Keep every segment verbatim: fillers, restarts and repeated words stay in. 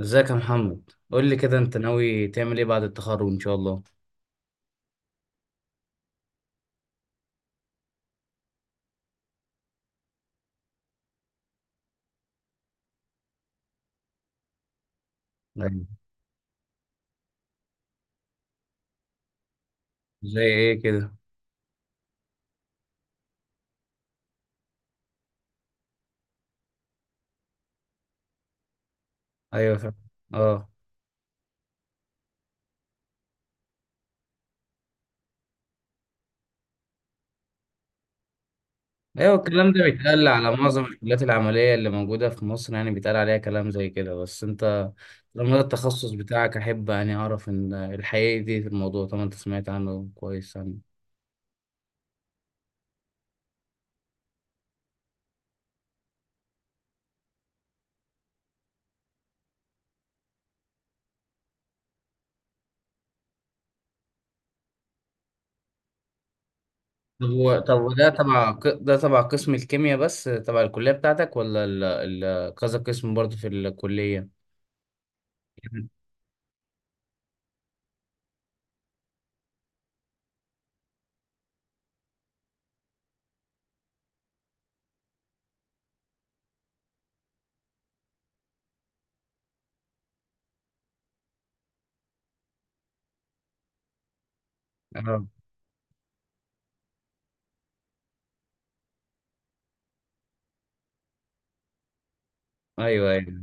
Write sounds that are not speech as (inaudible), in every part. ازيك يا محمد؟ قول لي كده، انت ناوي تعمل ايه بعد التخرج ان شاء الله؟ ايوه. زي ايه كده؟ ايوه، فاهم. اه. ايوه، الكلام ده بيتقال على معظم الكليات العمليه اللي موجوده في مصر، يعني بيتقال عليها كلام زي كده، بس انت لما ده التخصص بتاعك احب يعني اعرف ان الحقيقه دي في الموضوع، طبعا انت سمعت عنه كويس يعني. طب هو طب هو ده تبع ق- ده تبع قسم الكيمياء، بس تبع الكليه بتاعتك؟ ولا ال... ال... كذا قسم برضه في الكليه؟ اه، ايوه ايوه.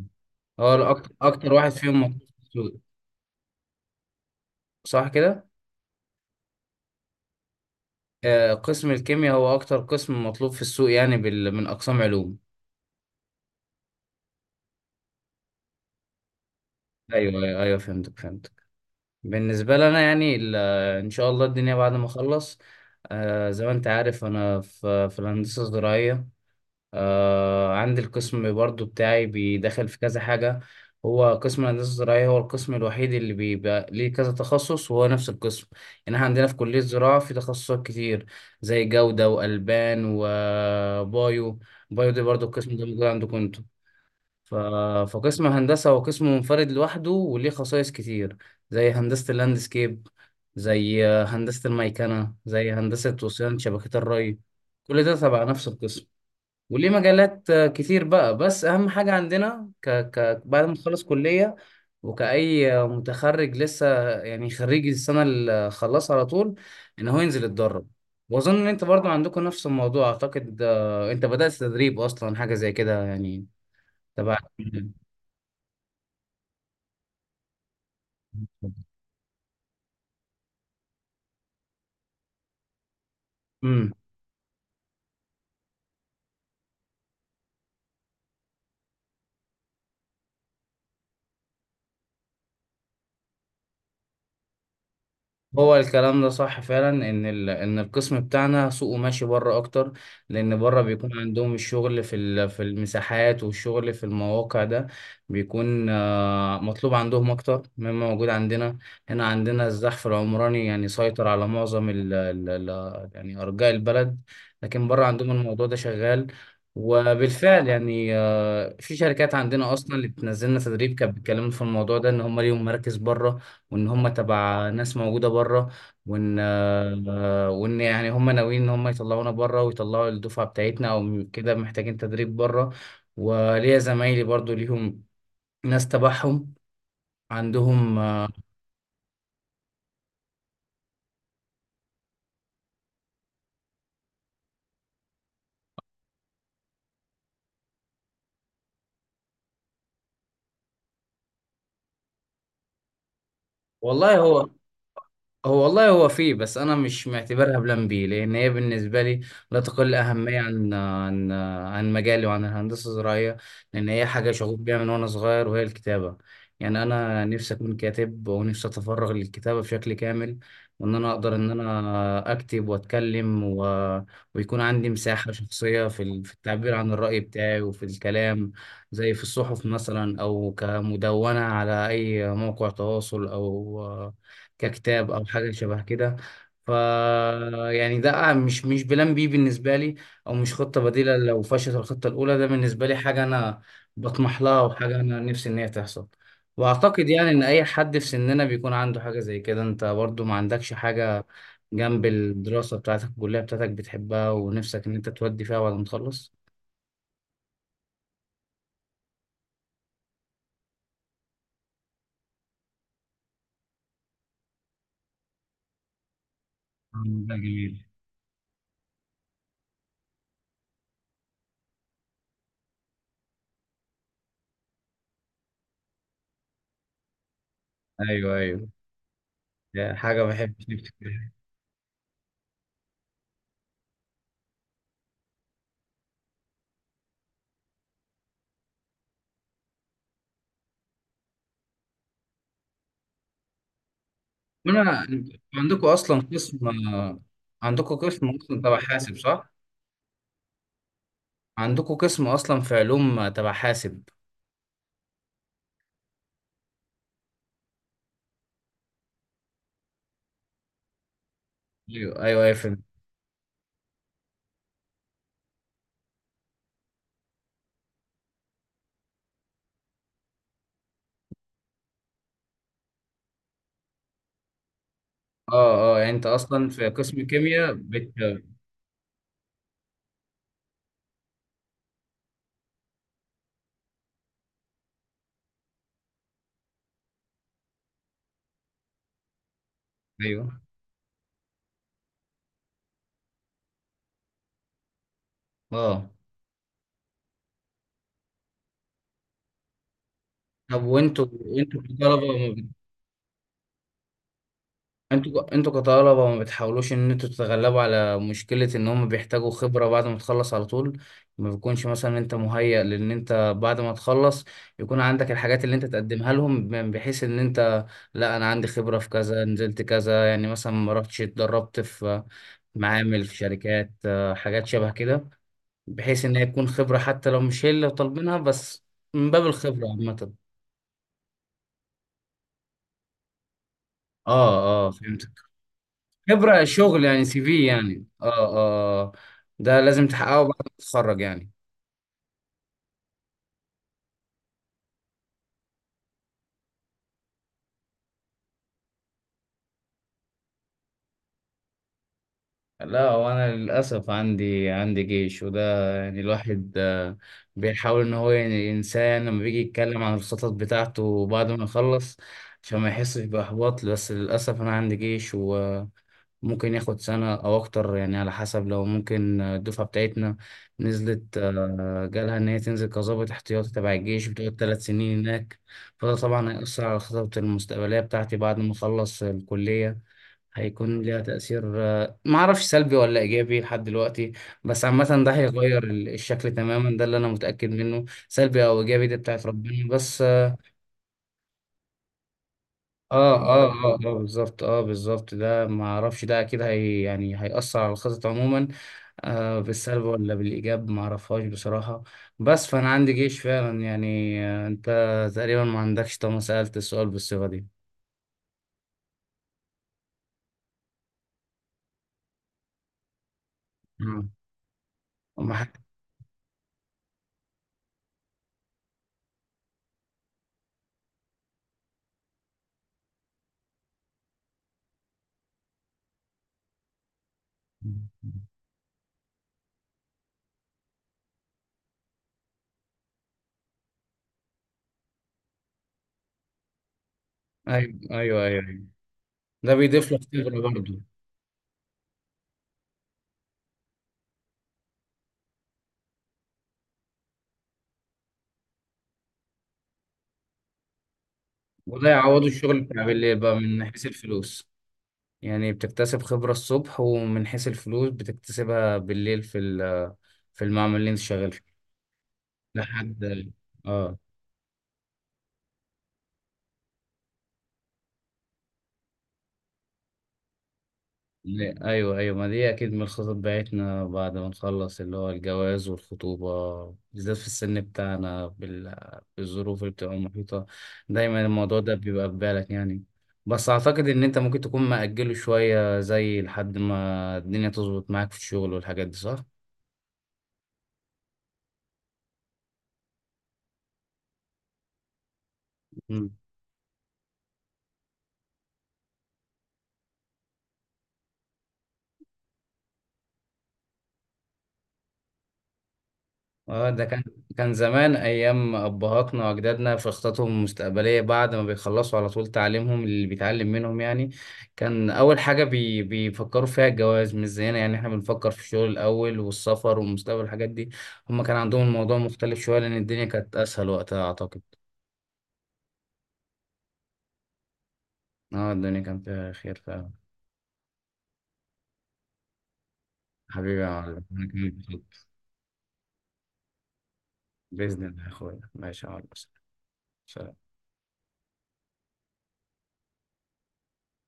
هو اكتر اكتر واحد فيهم مطلوب في السوق، صح كده؟ آه، قسم الكيمياء هو اكتر قسم مطلوب في السوق، يعني بال... من اقسام علوم. ايوه ايوه أيوة، فهمتك فهمتك. بالنسبه لنا يعني ال... ان شاء الله الدنيا بعد ما اخلص، آه، زي ما انت عارف، انا في في الهندسه الزراعيه. آه عندي القسم برضو بتاعي بيدخل في كذا حاجة. هو قسم الهندسة الزراعية هو القسم الوحيد اللي بيبقى ليه كذا تخصص وهو نفس القسم. يعني احنا عندنا في كلية الزراعة في تخصصات كتير، زي جودة وألبان وبايو. بايو دي برضو، القسم ده موجود عندكم انتوا؟ ف... فقسم هندسة هو قسم منفرد لوحده وليه خصائص كتير، زي هندسة اللاندسكيب، زي هندسة الميكنة، زي هندسة وصيانة شبكات الري. كل ده تبع نفس القسم، وليه مجالات آه، كتير بقى. بس اهم حاجة عندنا، ك... ك... بعد ما تخلص كلية وكأي آه، متخرج لسه، يعني خريج السنة اللي خلص، على طول ان هو ينزل يتدرب. واظن ان انت برضو عندكم نفس الموضوع، اعتقد آه، انت بدأت تدريب اصلا، حاجة زي كده يعني، تبع. امم. هو الكلام ده صح فعلا، ان ال... ان القسم بتاعنا سوقه ماشي بره اكتر. لان بره بيكون عندهم الشغل في ال... في المساحات، والشغل في المواقع ده بيكون آه، مطلوب عندهم اكتر مما موجود عندنا. هنا عندنا الزحف العمراني يعني سيطر على معظم ال... ال... ال... يعني ارجاء البلد، لكن بره عندهم الموضوع ده شغال. وبالفعل يعني آه، في شركات عندنا اصلا اللي بتنزلنا تدريب كانت بتكلمنا في الموضوع ده، ان هم ليهم مراكز بره، وان هم تبع ناس موجوده بره، وان آه، وان يعني هم ناويين ان هم يطلعونا بره، ويطلعوا الدفعه بتاعتنا او كده محتاجين تدريب بره. وليا زمايلي برضو ليهم ناس تبعهم عندهم. والله، هو. هو والله، هو فيه، بس انا مش معتبرها بلان بي، لان هي بالنسبه لي لا تقل اهميه عن عن عن مجالي وعن الهندسه الزراعيه. لان هي حاجه شغوف بيها من وانا صغير، وهي الكتابه. يعني انا نفسي اكون كاتب، ونفسي اتفرغ للكتابه بشكل كامل، وان انا اقدر ان انا اكتب واتكلم و... ويكون عندي مساحه شخصيه في ال- في التعبير عن الراي بتاعي وفي الكلام، زي في الصحف مثلا، او كمدونه على اي موقع تواصل، او ككتاب، او حاجه شبه كده. ف يعني ده مش مش بلان بي بالنسبه لي، او مش خطه بديله لو فشلت الخطه الاولى. ده بالنسبه لي حاجه انا بطمح لها، وحاجه انا نفسي ان هي تحصل. واعتقد يعني ان اي حد في سننا بيكون عنده حاجه زي كده. انت برضو ما عندكش حاجه جنب الدراسه بتاعتك، الكليه بتاعتك بتحبها ونفسك ان انت تودي فيها بعد ما تخلص؟ آه، ده جميل. ايوه ايوه، ده حاجه بحب. (laughs) انا عندكم اصلا قسم، عندكم قسم اصلا تبع حاسب، صح؟ عندكم قسم اصلا في علوم تبع حاسب. ايوه ايوه ايوه، فهمت. اه اه، يعني انت اصلا في قسم كيمياء بت... ايوه اه. طب، وانتوا، انتوا كطلبه، انتوا انتوا كطلبة، ما بتحاولوش ان انتوا تتغلبوا على مشكلة ان هم بيحتاجوا خبرة بعد ما تخلص على طول؟ ما بيكونش مثلا انت مهيأ، لان انت بعد ما تخلص يكون عندك الحاجات اللي انت تقدمها لهم، ب- بحيث ان انت، لا، انا عندي خبرة في كذا، نزلت كذا، يعني مثلا ما رحتش اتدربت في معامل، في شركات آه، حاجات شبه كده، بحيث ان هي تكون خبرة، حتى لو مش هي اللي طالبينها، بس من باب الخبرة عامة. اه اه، فهمت. خبرة شغل يعني، سي في، يعني اه. اه، ده لازم تحققه بعد ما تتخرج يعني. لا، وانا للاسف عندي عندي جيش وده، يعني الواحد آه، بيحاول ان هو يعني ينساه، يعني لما بيجي يتكلم عن الخطط بتاعته بعد ما يخلص، عشان ما يحسش باحباط. بس للاسف انا عندي جيش، و ممكن ياخد سنة أو أكتر، يعني على حسب. لو ممكن الدفعة بتاعتنا نزلت، آه، جالها إن هي تنزل كظابط احتياطي تبع الجيش، بتقعد ثلاث سنين هناك، فده طبعا هيأثر على خطط المستقبلية بتاعتي بعد ما أخلص الكلية. هيكون ليها تأثير، آه، معرفش سلبي ولا إيجابي لحد دلوقتي. بس عامة، ده هيغير ال- الشكل تماما، ده اللي أنا متأكد منه. سلبي أو إيجابي دي بتاعت ربنا، بس آه، اه اه اه اه، بالظبط. اه، بالظبط، ده ما اعرفش، ده اكيد هي يعني هيأثر على الخطط عموما، آه بالسلب ولا بالإيجاب ما اعرفهاش بصراحة. بس فأنا عندي جيش فعلا يعني، آه انت تقريبا ما عندكش، طالما سألت السؤال بالصيغة دي. آه. ما حد- ايوه ايوه ايوه أيوة. ده بيضيف لك خبرة برضه. وده يعوض الشغل بتاع بالليل بقى من حيث الفلوس، يعني بتكتسب خبرة الصبح ومن حيث الفلوس بتكتسبها بالليل في ال- في المعمل اللي انت شغال لحد. اه. لا، ايوه ايوه، ما دي اكيد من الخطط بتاعتنا بعد ما نخلص، اللي هو الجواز والخطوبه، بالذات في السن بتاعنا بال... بالظروف اللي بتبقى محيطه، دايما الموضوع ده بيبقى في بالك يعني. بس اعتقد ان انت ممكن تكون مأجله شويه، زي لحد ما الدنيا تظبط معاك في الشغل والحاجات دي، صح؟ اه، ده كان. كان زمان ايام ابهاتنا واجدادنا في خططهم المستقبليه، بعد ما بيخلصوا على طول تعليمهم، اللي بيتعلم منهم يعني، كان اول حاجه بي بيفكروا فيها الجواز. مش زينا، يعني احنا بنفكر في الشغل الاول والسفر والمستقبل، الحاجات دي. هم كان عندهم الموضوع مختلف شويه، لان الدنيا كانت اسهل وقتها اعتقد. اه، الدنيا كان فيها خير فعلا. حبيبي يا معلم، أنا كمان مبسوط. باذن الله يا اخويا، ماشي يا معلم. سلام.